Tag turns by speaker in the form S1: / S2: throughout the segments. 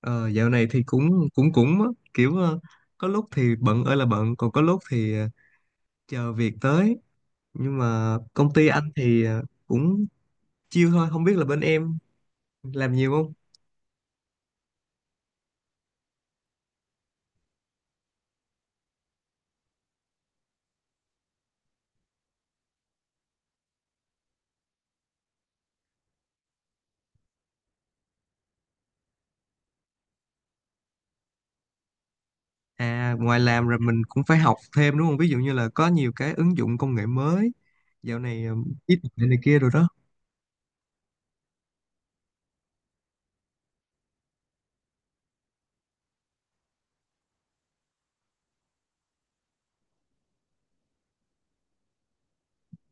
S1: Ờ, dạo này thì cũng cũng cũng á, kiểu có lúc thì bận ơi là bận, còn có lúc thì chờ việc tới. Nhưng mà công ty anh thì cũng chill thôi, không biết là bên em làm nhiều không. À, ngoài làm rồi mình cũng phải học thêm đúng không? Ví dụ như là có nhiều cái ứng dụng công nghệ mới dạo này, trí tuệ này kia rồi đó.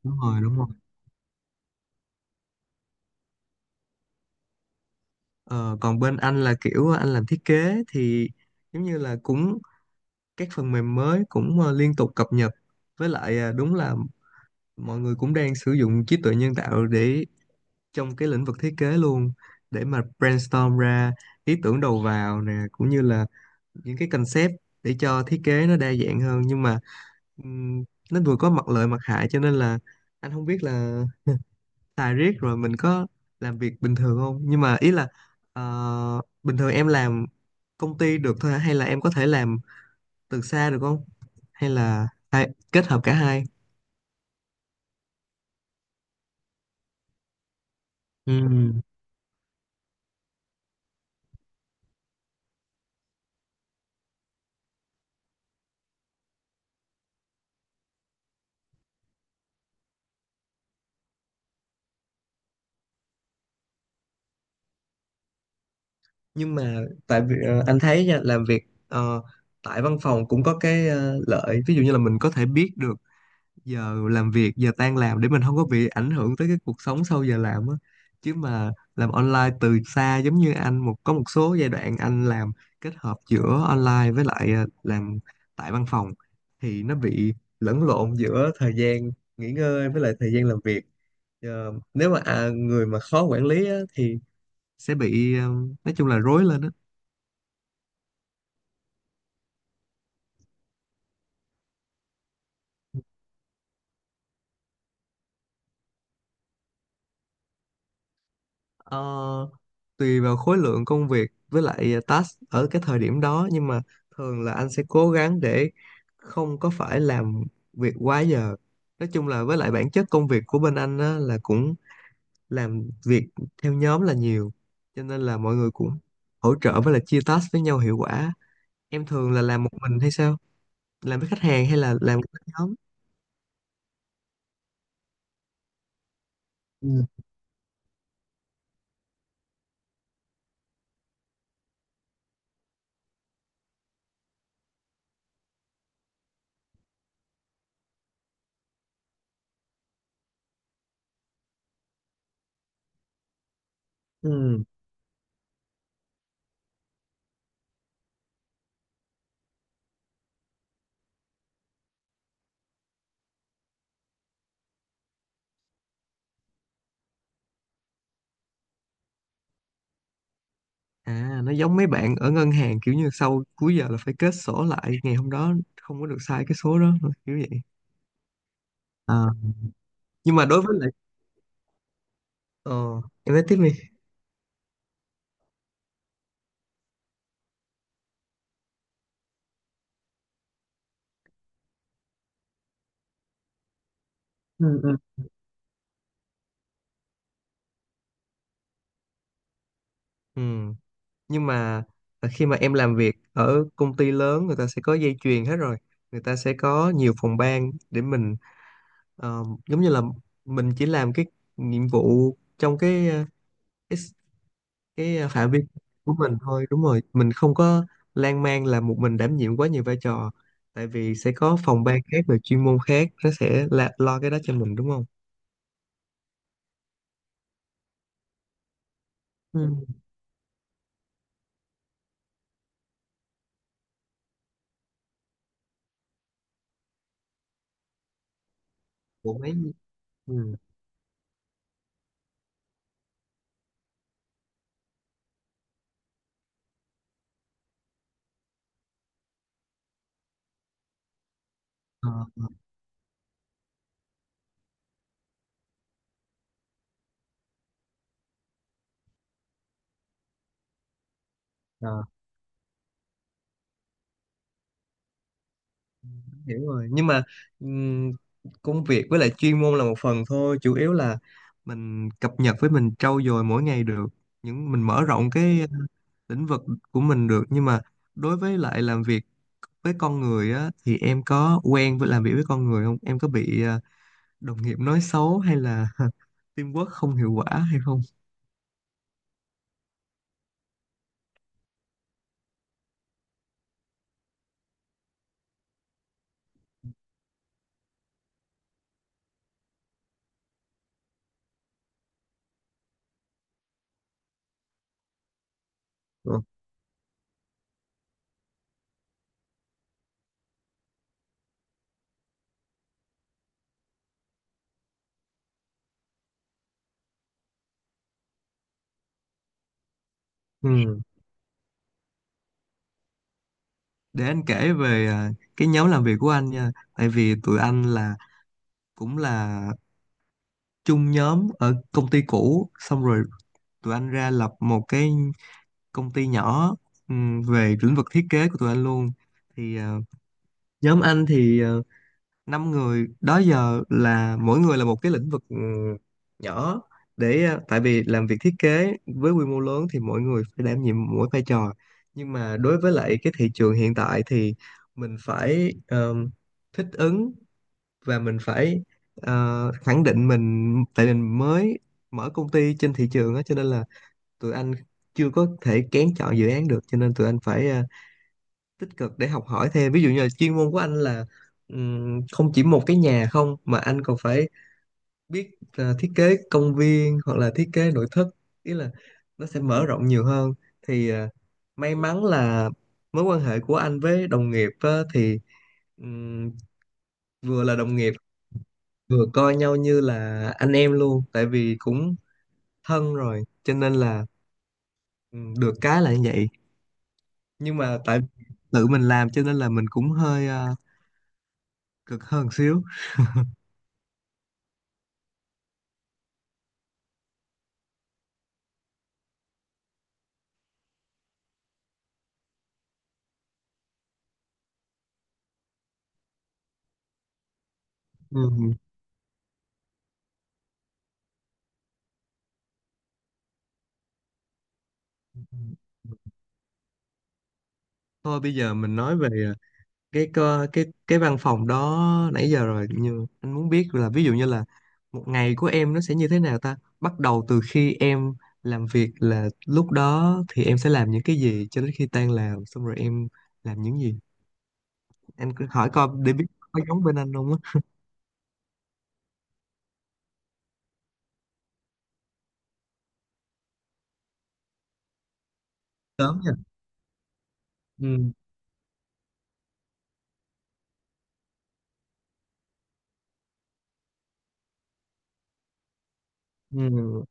S1: Đúng rồi, đúng rồi. Ờ, còn bên anh là kiểu anh làm thiết kế thì giống như là cũng các phần mềm mới cũng liên tục cập nhật, với lại à, đúng là mọi người cũng đang sử dụng trí tuệ nhân tạo để trong cái lĩnh vực thiết kế luôn, để mà brainstorm ra ý tưởng đầu vào nè, cũng như là những cái concept để cho thiết kế nó đa dạng hơn. Nhưng mà ừm, nó vừa có mặt lợi mặt hại, cho nên là anh không biết là xài riết rồi mình có làm việc bình thường không. Nhưng mà ý là bình thường em làm công ty được thôi hả, hay là em có thể làm từ xa được không, hay là phải kết hợp cả hai? Ừ. Nhưng mà tại vì anh thấy nha, làm việc ờ, tại văn phòng cũng có cái lợi, ví dụ như là mình có thể biết được giờ làm việc, giờ tan làm, để mình không có bị ảnh hưởng tới cái cuộc sống sau giờ làm á. Chứ mà làm online từ xa giống như anh, có một số giai đoạn anh làm kết hợp giữa online với lại làm tại văn phòng thì nó bị lẫn lộn giữa thời gian nghỉ ngơi với lại thời gian làm việc. Nếu mà người mà khó quản lý á, thì sẽ bị nói chung là rối lên á. Ờ, tùy vào khối lượng công việc với lại task ở cái thời điểm đó, nhưng mà thường là anh sẽ cố gắng để không có phải làm việc quá giờ. Nói chung là với lại bản chất công việc của bên anh á, là cũng làm việc theo nhóm là nhiều, cho nên là mọi người cũng hỗ trợ với lại chia task với nhau hiệu quả. Em thường là làm một mình hay sao? Làm với khách hàng hay là làm với nhóm? Ừ. Ừ. À, nó giống mấy bạn ở ngân hàng, kiểu như sau cuối giờ là phải kết sổ lại ngày hôm đó, không có được sai cái số đó, kiểu vậy. À. Nhưng mà, đối với lại, ờ, em nói tiếp đi. Ừ, ừ. Ừ. Nhưng mà khi mà em làm việc ở công ty lớn, người ta sẽ có dây chuyền hết rồi. Người ta sẽ có nhiều phòng ban để mình, giống như là mình chỉ làm cái nhiệm vụ trong cái cái phạm vi của mình thôi, đúng rồi, mình không có lan man là một mình đảm nhiệm quá nhiều vai trò, tại vì sẽ có phòng ban khác rồi chuyên môn khác nó sẽ là lo cái đó cho mình đúng không? Ừ. Bộ máy. Ừ. Ờ, ờ. Ờ. Hiểu rồi. Nhưng mà ừm, công việc với lại chuyên môn là một phần thôi, chủ yếu là mình cập nhật với mình trau dồi mỗi ngày được, những mình mở rộng cái lĩnh vực của mình được. Nhưng mà đối với lại làm việc với con người á, thì em có quen với làm việc với con người không, em có bị đồng nghiệp nói xấu hay là teamwork không hiệu quả hay không? Ừ. Ừ. Để anh kể về cái nhóm làm việc của anh nha. Tại vì tụi anh là cũng là chung nhóm ở công ty cũ, xong rồi tụi anh ra lập một cái công ty nhỏ, về lĩnh vực thiết kế của tụi anh luôn. Thì nhóm anh thì 5 người đó giờ, là mỗi người là một cái lĩnh vực nhỏ, để tại vì làm việc thiết kế với quy mô lớn thì mỗi người phải đảm nhiệm mỗi vai trò. Nhưng mà đối với lại cái thị trường hiện tại thì mình phải thích ứng và mình phải khẳng định mình, tại mình mới mở công ty trên thị trường á, cho nên là tụi anh chưa có thể kén chọn dự án được, cho nên tụi anh phải tích cực để học hỏi thêm. Ví dụ như là chuyên môn của anh là không chỉ một cái nhà không, mà anh còn phải biết thiết kế công viên hoặc là thiết kế nội thất, ý là nó sẽ mở rộng nhiều hơn. Thì may mắn là mối quan hệ của anh với đồng nghiệp á, thì ừm, vừa là đồng nghiệp vừa coi nhau như là anh em luôn, tại vì cũng thân rồi cho nên là được cái là như vậy. Nhưng mà tại tự mình làm cho nên là mình cũng hơi cực hơn xíu. Ừ. Thôi bây giờ mình nói về ờ, cái cơ- cái văn phòng đó nãy giờ rồi, nhưng anh muốn biết là ví dụ như là một ngày của em nó sẽ như thế nào ta. Bắt đầu từ khi em làm việc, là lúc đó thì em sẽ làm những cái gì, cho đến khi tan làm xong rồi em làm những gì? Anh cứ hỏi coi để biết có giống bên anh không á. Sớm nha. Ừ. Ừ.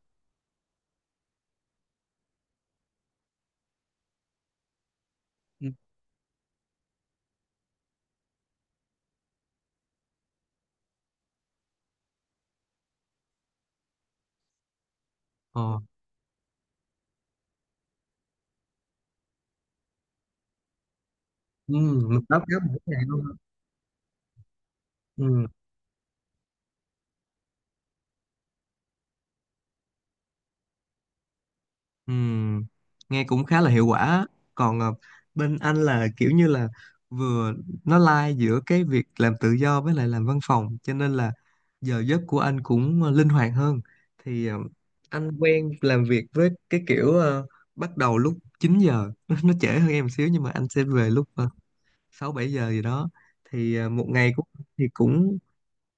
S1: Ừ. Ờ. Ừ. Mình báo cáo mỗi ngày luôn á. Ừ. Ừm, nghe cũng khá là hiệu quả á. Còn bên anh là kiểu như là vừa nó lai giữa cái việc làm tự do với lại làm văn phòng, cho nên là giờ giấc của anh cũng linh hoạt hơn. Thì anh quen làm việc với cái kiểu bắt đầu lúc 9 giờ, nó trễ hơn em một xíu, nhưng mà anh sẽ về lúc 6 7 giờ gì đó. Thì một ngày cũng thì cũng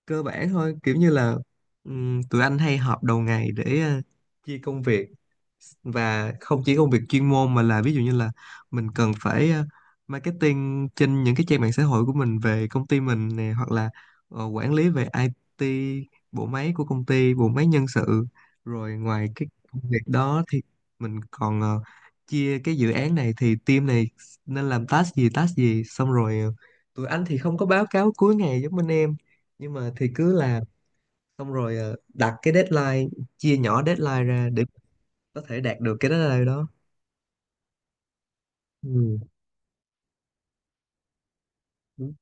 S1: cơ bản thôi, kiểu như là tụi anh hay họp đầu ngày để chia công việc. Và không chỉ công việc chuyên môn mà là ví dụ như là mình cần phải marketing trên những cái trang mạng xã hội của mình về công ty mình nè, hoặc là quản lý về IT, bộ máy của công ty, bộ máy nhân sự. Rồi ngoài cái công việc đó thì mình còn chia cái dự án này thì team này nên làm task gì task gì, xong rồi tụi anh thì không có báo cáo cuối ngày giống bên em, nhưng mà thì cứ làm xong rồi đặt cái deadline, chia nhỏ deadline ra để có thể đạt được cái deadline đó. Ừ, đúng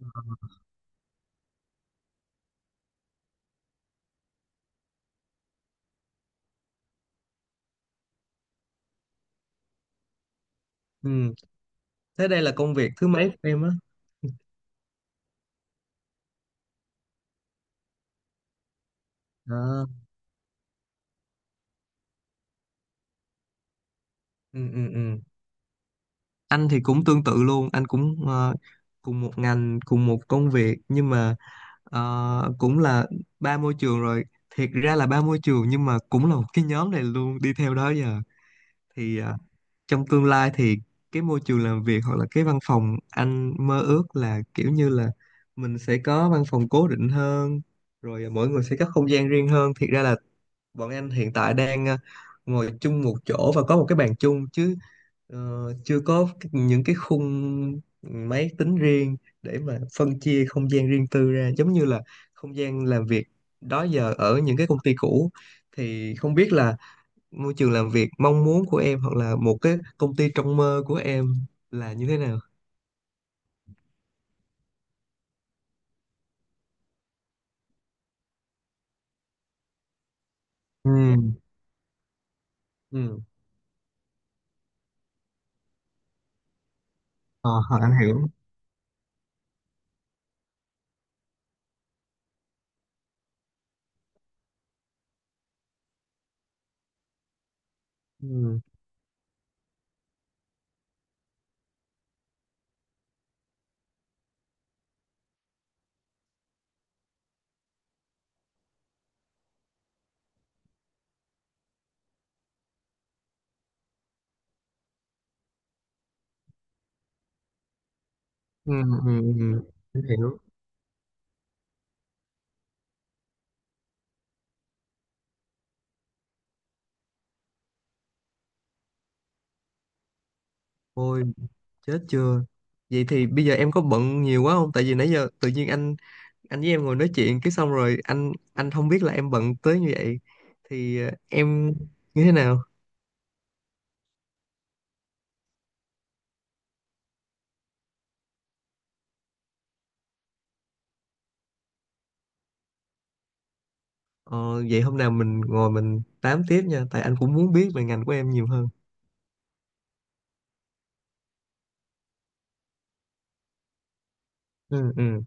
S1: rồi. Ừ. Thế đây là công việc thứ mấy của em á? À. Ừ, ừ, ừ. Anh thì cũng tương tự luôn, anh cũng cùng một ngành, cùng một công việc, nhưng mà cũng là ba môi trường rồi. Thiệt ra là ba môi trường nhưng mà cũng là một cái nhóm này luôn đi theo đó giờ. Thì trong tương lai thì cái môi trường làm việc hoặc là cái văn phòng anh mơ ước là kiểu như là mình sẽ có văn phòng cố định hơn, rồi mỗi người sẽ có không gian riêng hơn. Thiệt ra là bọn anh hiện tại đang ngồi chung một chỗ và có một cái bàn chung, chứ ờ, chưa có những cái khung máy tính riêng để mà phân chia không gian riêng tư ra, giống như là không gian làm việc đó giờ ở những cái công ty cũ. Thì không biết là môi trường làm việc mong muốn của em hoặc là một cái công ty trong mơ của em là như thế nào? Ừ. Ừ. ờ, anh hiểu. Ừ. Ừ, ừ, ừ, anh hiểu. Ôi, chết chưa? Vậy thì bây giờ em có bận nhiều quá không, tại vì nãy giờ tự nhiên anh với em ngồi nói chuyện cái xong rồi anh không biết là em bận tới như vậy. Thì em như thế nào? Ờ, vậy hôm nào mình ngồi mình tám tiếp nha, tại anh cũng muốn biết về ngành của em nhiều hơn. Ừ, ừ.